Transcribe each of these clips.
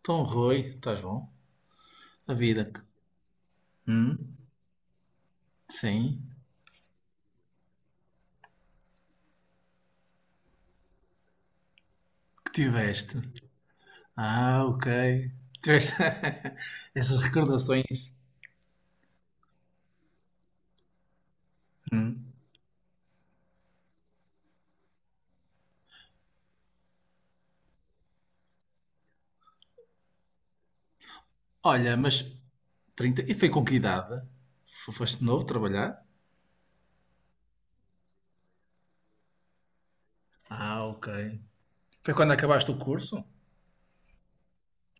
Então, Rui, estás bom? A vida. Hum? Sim? Que tiveste? Ah, ok. Tiveste essas recordações. Hum. Olha, mas trinta e foi com que idade? Foste de novo trabalhar? Ah, ok. Foi quando acabaste o curso?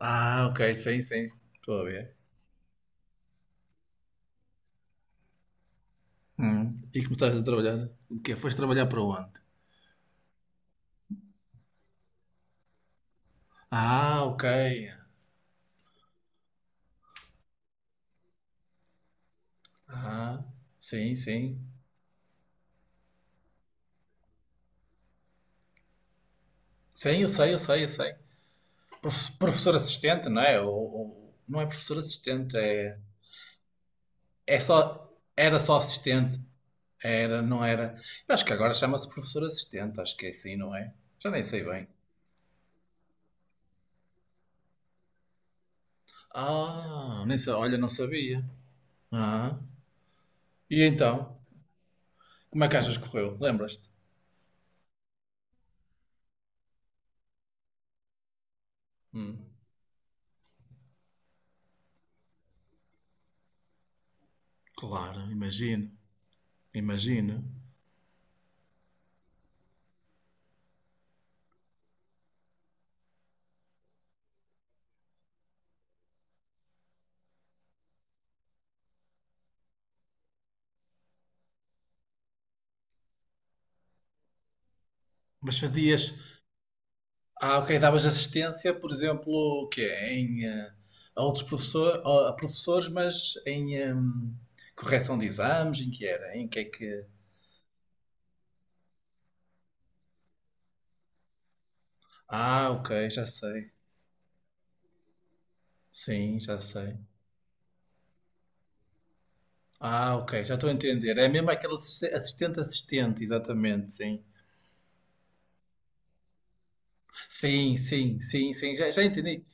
Ah, ok, sim, sim. Estou a ver. Hum. E começaste a trabalhar? O quê? Foste trabalhar para onde? Ah, ok. Ah, sim, sim. Sim, eu sei, eu sei, eu sei. Professor assistente, não é? Não é professor assistente, é, era só assistente, era, não era. Eu acho que agora chama-se professor assistente, acho que é assim, não é? Já nem sei bem. Ah, nem sei, olha, não sabia. Ah, e então? Como é que achas que correu? Lembras-te? Hum, claro, imagino, imagino. Mas fazias, ah, ok, davas assistência, por exemplo, o quê? Em, a outros professor, a professores, mas em correção de exames, em que era? Em que é que. Ah, ok, já sei. Sim, já sei. Ah, ok, já estou a entender. É mesmo aquele assistente-assistente, exatamente, sim. Sim, sim, sim, sim, já entendi.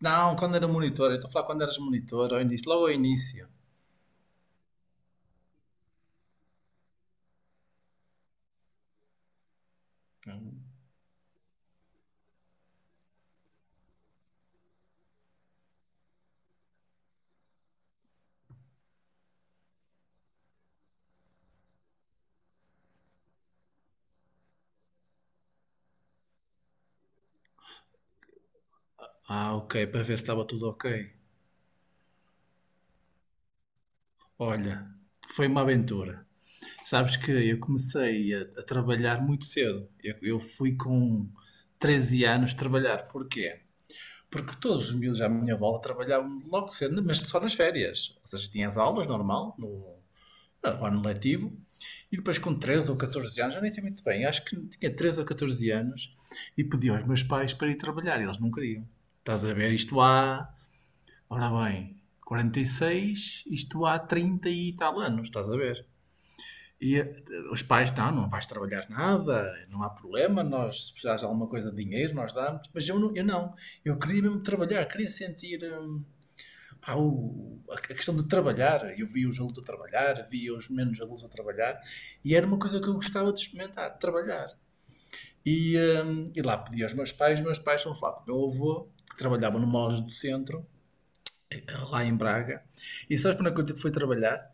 Não, quando era monitor, eu estou a falar quando eras monitor, ao início, logo ao início. Ah, ok, para ver se estava tudo ok. Olha, foi uma aventura. Sabes que eu comecei a trabalhar muito cedo. Eu fui com 13 anos trabalhar. Porquê? Porque todos os miúdos à minha volta trabalhavam logo cedo, mas só nas férias. Ou seja, tinha as aulas normal, no ano letivo. E depois com 13 ou 14 anos, já nem sei muito bem, acho que tinha 13 ou 14 anos, e pedi aos meus pais para ir trabalhar. Eles não queriam. Estás a ver? Isto há, ora bem, 46, isto há 30 e tal anos, estás a ver? E eh, os pais, não, não vais trabalhar nada, não há problema, nós, se precisares de alguma coisa de dinheiro, nós damos. Mas eu não, eu não. Eu queria mesmo trabalhar, queria sentir, pá, a questão de trabalhar. Eu via os adultos a trabalhar, via os menos adultos a trabalhar, e era uma coisa que eu gostava de experimentar, trabalhar. E, e lá pedi aos meus pais foram falar com o meu avô, que trabalhava numa loja do centro, eh, lá em Braga. E sabes para onde é que eu fui trabalhar?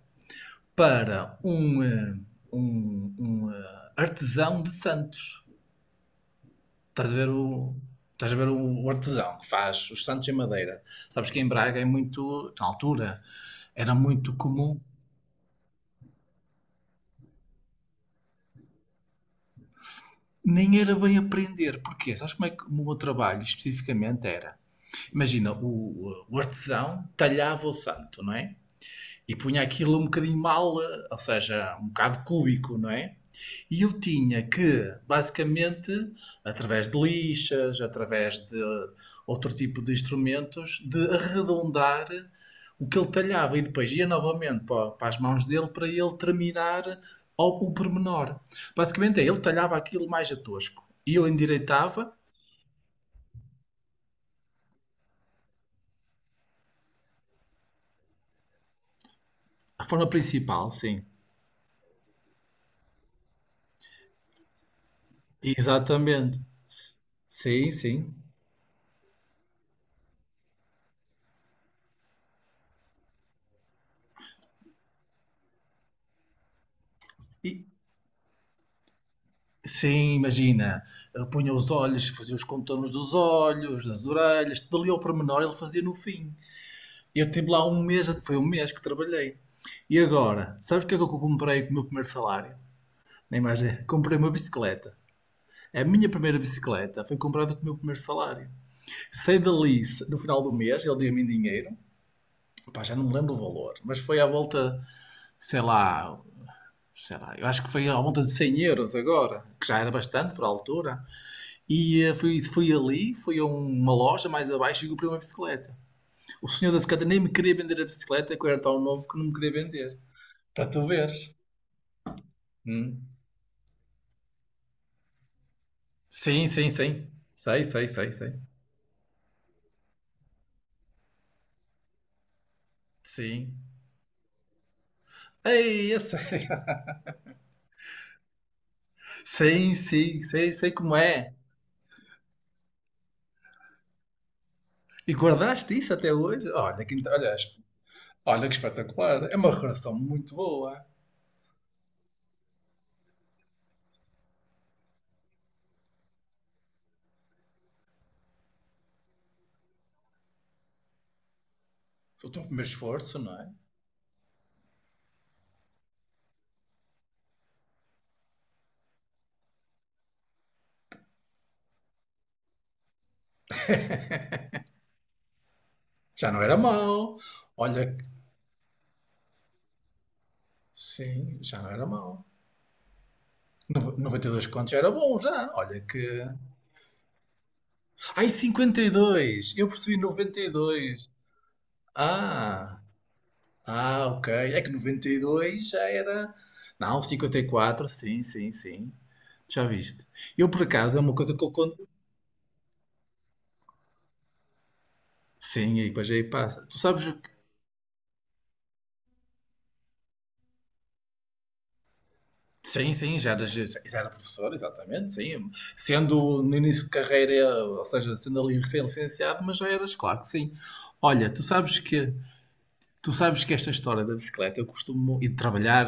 Para um artesão de Santos. Estás a ver o. Estás a ver o artesão que faz os santos em madeira. Sabes que em Braga é muito, na altura, era muito comum, nem era bem aprender. Porquê? Sabes como é que o meu trabalho especificamente era? Imagina, o artesão talhava o santo, não é? E punha aquilo um bocadinho mal, ou seja, um bocado cúbico, não é? E eu tinha que, basicamente, através de lixas, através de outro tipo de instrumentos, de arredondar o que ele talhava e depois ia novamente para as mãos dele para ele terminar o pormenor. Basicamente é, ele talhava aquilo mais a tosco e eu endireitava a forma principal, sim. Exatamente. S- Sim, sim. Sim, imagina, ele punha os olhos, fazia os contornos dos olhos, das orelhas, tudo ali ao pormenor ele fazia no fim. Eu tive lá um mês, foi um mês que trabalhei. E agora, sabes o que é que eu comprei com o meu primeiro salário? Na imagem comprei uma bicicleta. A minha primeira bicicleta foi comprada com o meu primeiro salário. Saí dali, no final do mês, ele deu-me em dinheiro. Pá, já não me lembro o valor, mas foi à volta, sei lá, sei lá, eu acho que foi à volta de 100 euros agora, que já era bastante para a altura. Fui foi ali, fui a uma loja mais abaixo e comprei uma bicicleta. O senhor da bicicleta nem me queria vender a bicicleta, que eu era tão novo que não me queria vender. Para tu veres. Hum. Sim, sim, sim. Sei, sei, sei, sei. Sim. Ei, eu sei. Sim, sim, sei, sei como é. E guardaste isso até hoje? Olha que, olha, es-. Olha que espetacular. É uma relação muito boa. Foi o teu primeiro esforço, não é? Já não era mau. Olha que. Sim, já não era mau. 92 contos era bom já. Olha que. Ai, 52. Eu percebi 92. Ah, ah, ok. É que 92 já era. Não, 54, sim, sim, sim. Já viste. Eu, por acaso, é uma coisa que eu conto. Sim, aí, pois aí passa. Tu sabes o que. Sim, sim, já era, já era professor, exatamente, sim. Sendo no início de carreira, ou seja, sendo ali recém-licenciado, mas já eras, claro que sim. Olha, tu sabes que tu sabes que esta história da bicicleta eu costumo ir trabalhar,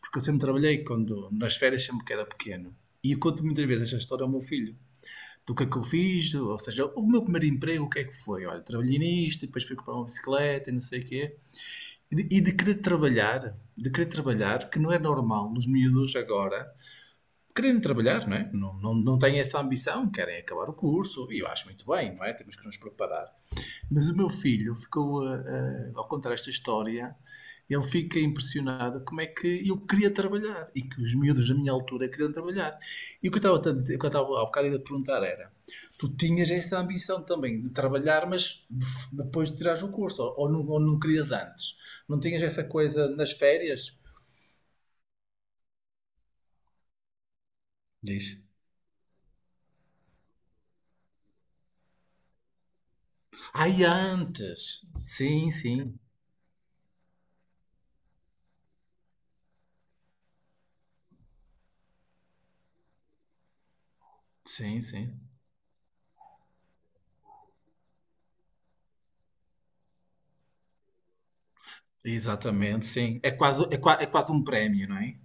porque eu sempre trabalhei quando nas férias sempre que era pequeno. E eu conto muitas vezes esta história ao meu filho. Do que é que eu fiz, ou seja, o meu primeiro emprego, o que é que foi? Olha, trabalhei nisto, e depois fui comprar uma bicicleta e não sei o quê. E de querer trabalhar, de querer trabalhar, que não é normal nos miúdos agora, quererem trabalhar, não é? Não, não, não têm essa ambição, querem acabar o curso, e eu acho muito bem, não é? Temos que nos preparar. Mas o meu filho ficou, ao contar esta história, ele fica impressionado como é que eu queria trabalhar e que os miúdos da minha altura queriam trabalhar. E o que eu estava a dizer, o que eu estava há bocado a perguntar era: tu tinhas essa ambição também de trabalhar, mas depois de tirares o curso, ou, não, ou não querias antes? Não tinhas essa coisa nas férias? Diz. Ai, antes! Sim, sim. Sim, sim. Exatamente, sim. É quase um prémio, não é?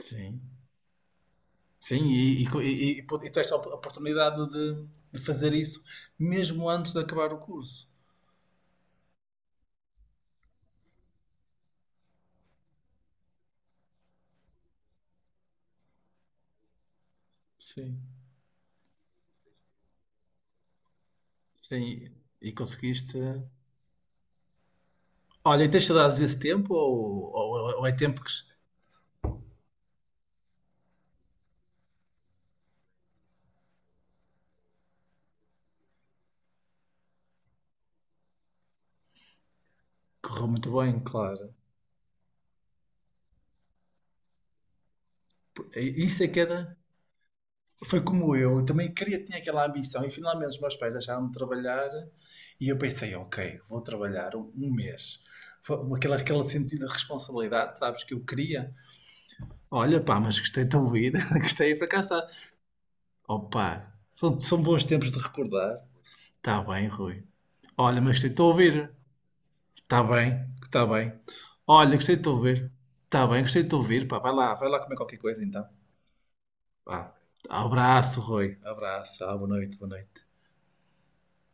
Sim. Sim, e tens a oportunidade de fazer isso mesmo antes de acabar o curso. Sim. Sim, e conseguiste. Olha, e tens saudades desse tempo ou, ou é tempo que correu muito bem, claro? Isso é que era. Foi como eu, também queria, tinha aquela ambição e finalmente os meus pais deixaram me trabalhar e eu pensei, ok, vou trabalhar um mês. Foi aquele sentido de responsabilidade, sabes, que eu queria. Olha pá, mas gostei de te ouvir, gostei, para cá está. Opa, são bons tempos de recordar. Está bem, Rui. Olha, mas gostei de te ouvir. Está bem, está bem. Olha, gostei de te ouvir. Está bem, gostei de te ouvir, pá, vai lá comer qualquer coisa então. Vá. Abraço, Rui. Abraço, boa noite, boa noite.